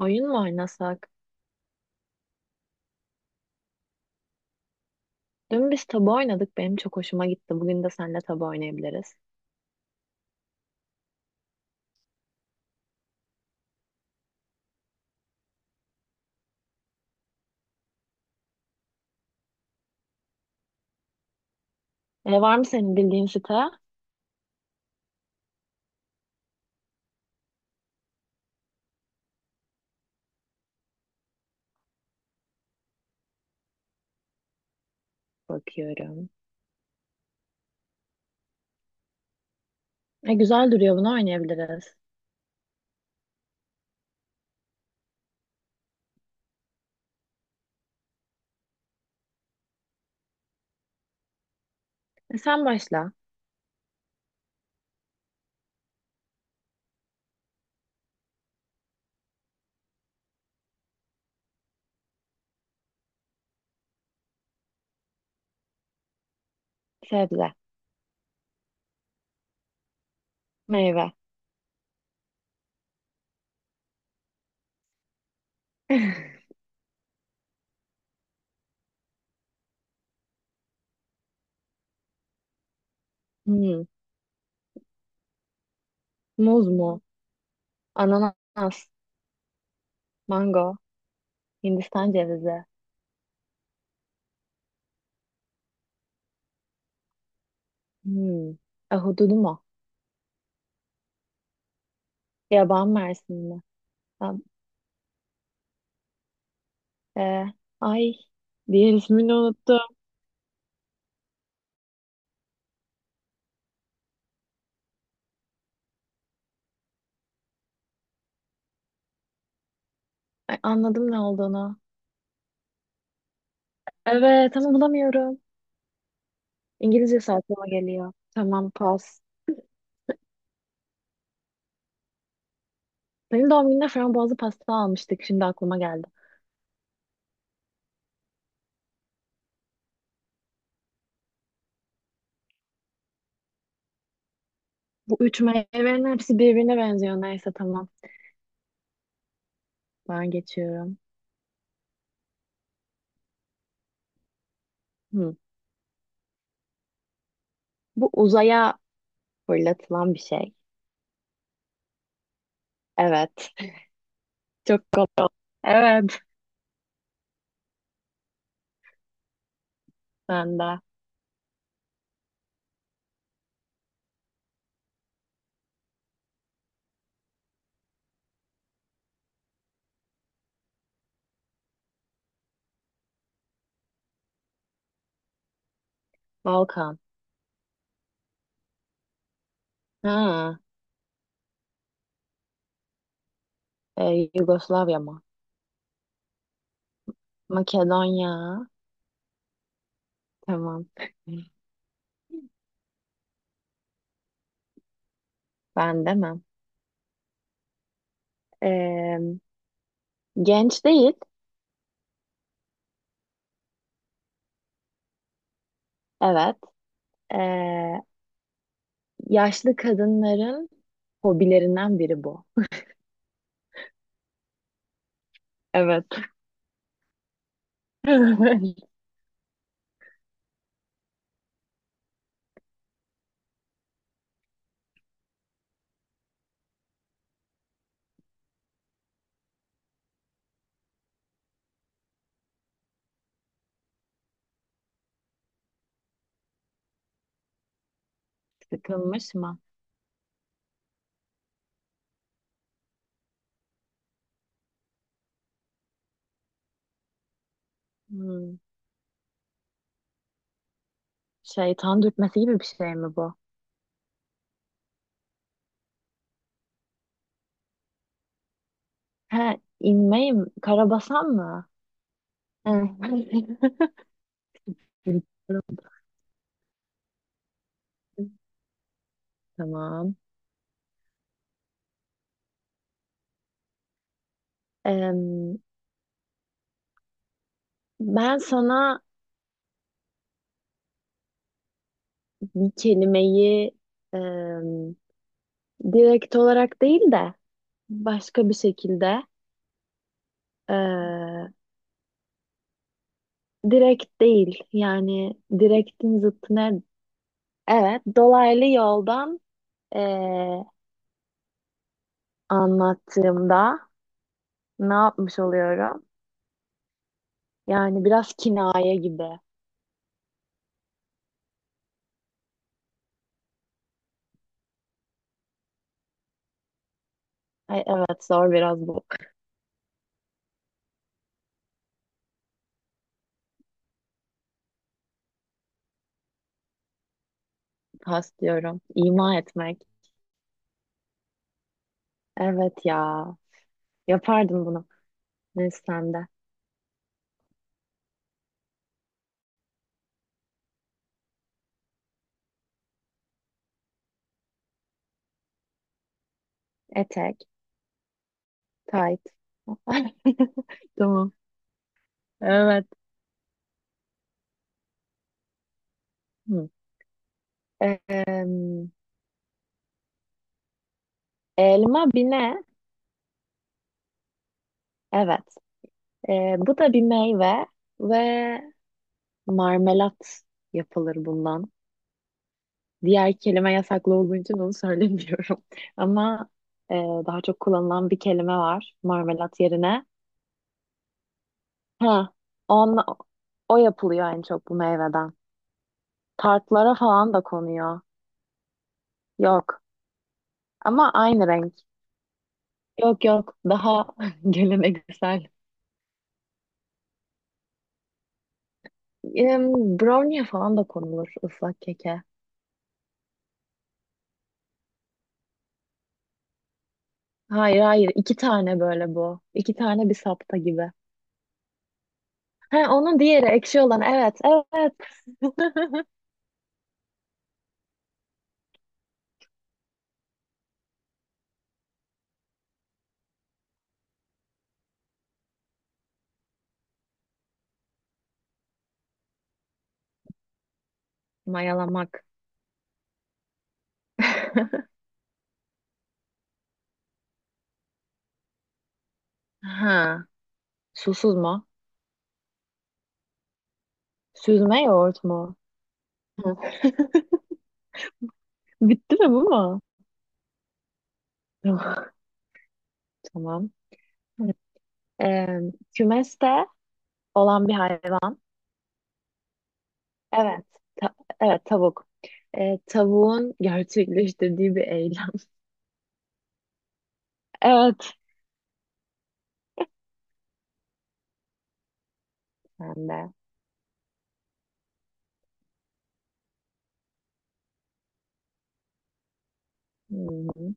Oyun mu oynasak? Dün biz tabu oynadık. Benim çok hoşuma gitti. Bugün de seninle tabu oynayabiliriz. Var mı senin bildiğin site? Bakıyorum. Güzel duruyor. Bunu oynayabiliriz. Sen başla. Sebze. Meyve. Hmm. Muz mu? Ananas. Mango. Hindistan cevizi. Hmm. Ahududu mu? Yaban mersini mi? Ab- e, ay. Diğer ismini unuttum. Ay, anladım ne olduğunu. Evet ama bulamıyorum. İngilizce aklıma geliyor. Tamam, pas. Benim doğum günümde frambuazlı pasta almıştık. Şimdi aklıma geldi. Bu üç meyvenin hepsi birbirine benziyor. Neyse, tamam. Ben geçiyorum. Hı. Bu uzaya fırlatılan bir şey. Evet. Çok kolay oldu. Evet. Ben de. Balkan. Ha. e, Yugoslavya mı? Makedonya. Tamam. Ben demem. Ee, genç değil. Evet. Ee, yaşlı kadınların hobilerinden biri bu. Evet. Sıkılmış mı? Hmm. Şeytan dürtmesi gibi bir şey mi bu? He, inmeyim. Karabasan mı? Hı. Tamam. Em, ben sana bir kelimeyi em, direkt olarak değil de başka bir şekilde e, direkt değil, yani direktin zıttı ne? Evet, dolaylı yoldan e, anlattığımda ne yapmış oluyorum? Yani biraz kinaye gibi. Ay, evet, zor biraz bu. Pas diyorum. İma etmek. Evet ya. Yapardım bunu. Neyse, sen de. Etek. Tight. Tamam. Evet. Hı. Em, elma bir ne? Evet. E, bu da bir meyve ve marmelat yapılır bundan. Diğer kelime yasaklı olduğu için onu söylemiyorum. Ama daha çok kullanılan bir kelime var marmelat yerine. Ha, on, o yapılıyor en çok bu meyveden. Tartlara falan da konuyor. Yok ama aynı renk. Yok yok, daha geleneksel. Em, brownie'ye falan da konulur, ıslak keke. Hayır hayır, iki tane böyle bu. İki tane bir sapta gibi. Ha, onun diğeri ekşi olan, evet evet. Mayalamak. Ha. Susuz mu? Süzme yoğurt mu? Hı. Bitti mi, bu mu? Tamam. Ee, kümeste olan bir hayvan. Evet. Ta- evet, tavuk. Tavuğun gerçekleştirdiği bir eylem. Evet. Ben de. Hı-hı.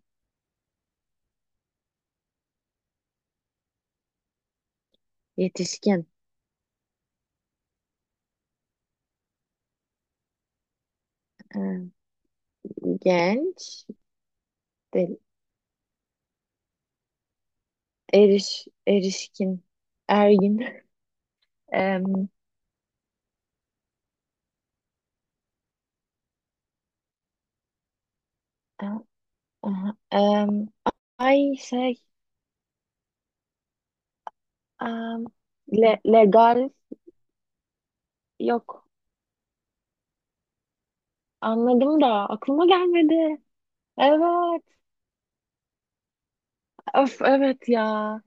Yetişkin. Ee, genç. Değil. Erişkin. Ergin. Em, a- aha, ay şey. em, legal. Yok. Anladım da aklıma gelmedi. Evet. Öf, evet ya.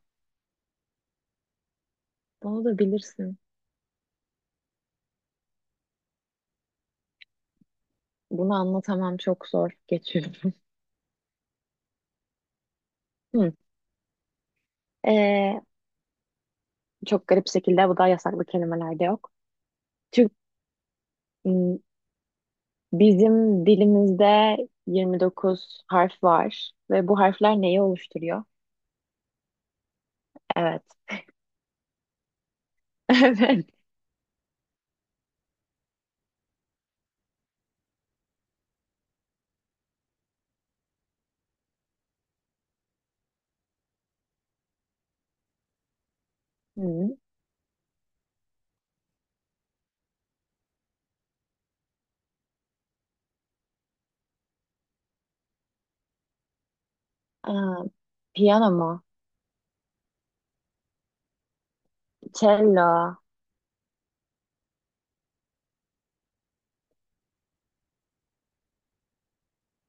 Bunu da bilirsin. Bunu anlatamam, çok zor. Geçiyorum. Hı. Ee, çok garip şekilde bu da yasaklı kelimelerde yok. Türk, m, bizim dilimizde 29 harf var ve bu harfler neyi oluşturuyor? Evet. Evet. Hı. Aa, piyano mu? Cello,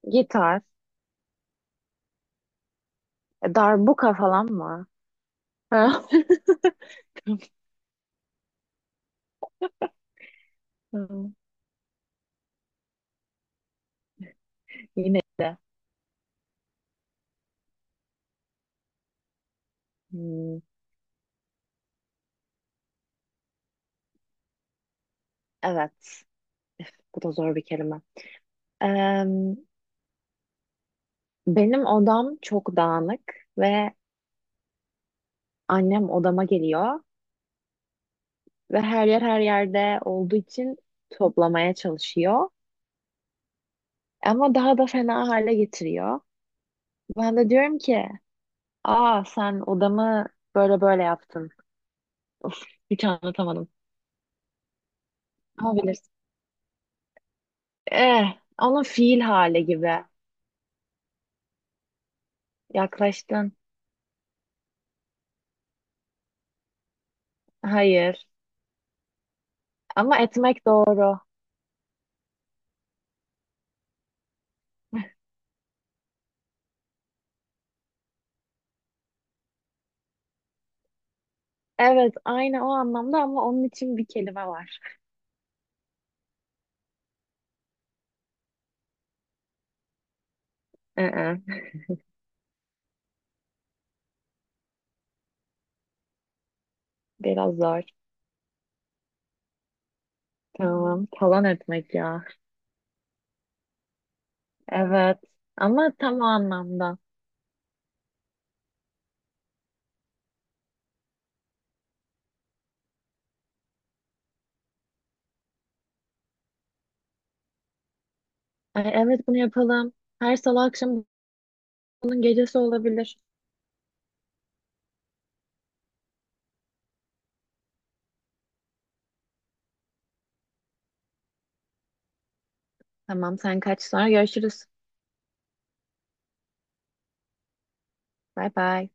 gitar, darbuka falan mı? Hı. Yine de. Hmm. Evet. Üf, bu da zor bir kelime. Eee, benim odam çok dağınık ve annem odama geliyor ve her yer her yerde olduğu için toplamaya çalışıyor. Ama daha da fena hale getiriyor. Ben de diyorum ki, aa, sen odamı böyle böyle yaptın. Hiç anlatamadım. Ama bilirsin. Eh, onun fiil hali gibi. Yaklaştın. Hayır. Ama etmek doğru. Evet, aynı o anlamda ama onun için bir kelime var. Ee. Biraz zor. Tamam. Talan etmek ya. Evet. Ama tam o anlamda. Ay, evet, bunu yapalım. Her salı akşam bunun gecesi olabilir. Tamam, sen kaç, sonra görüşürüz. Bay bay.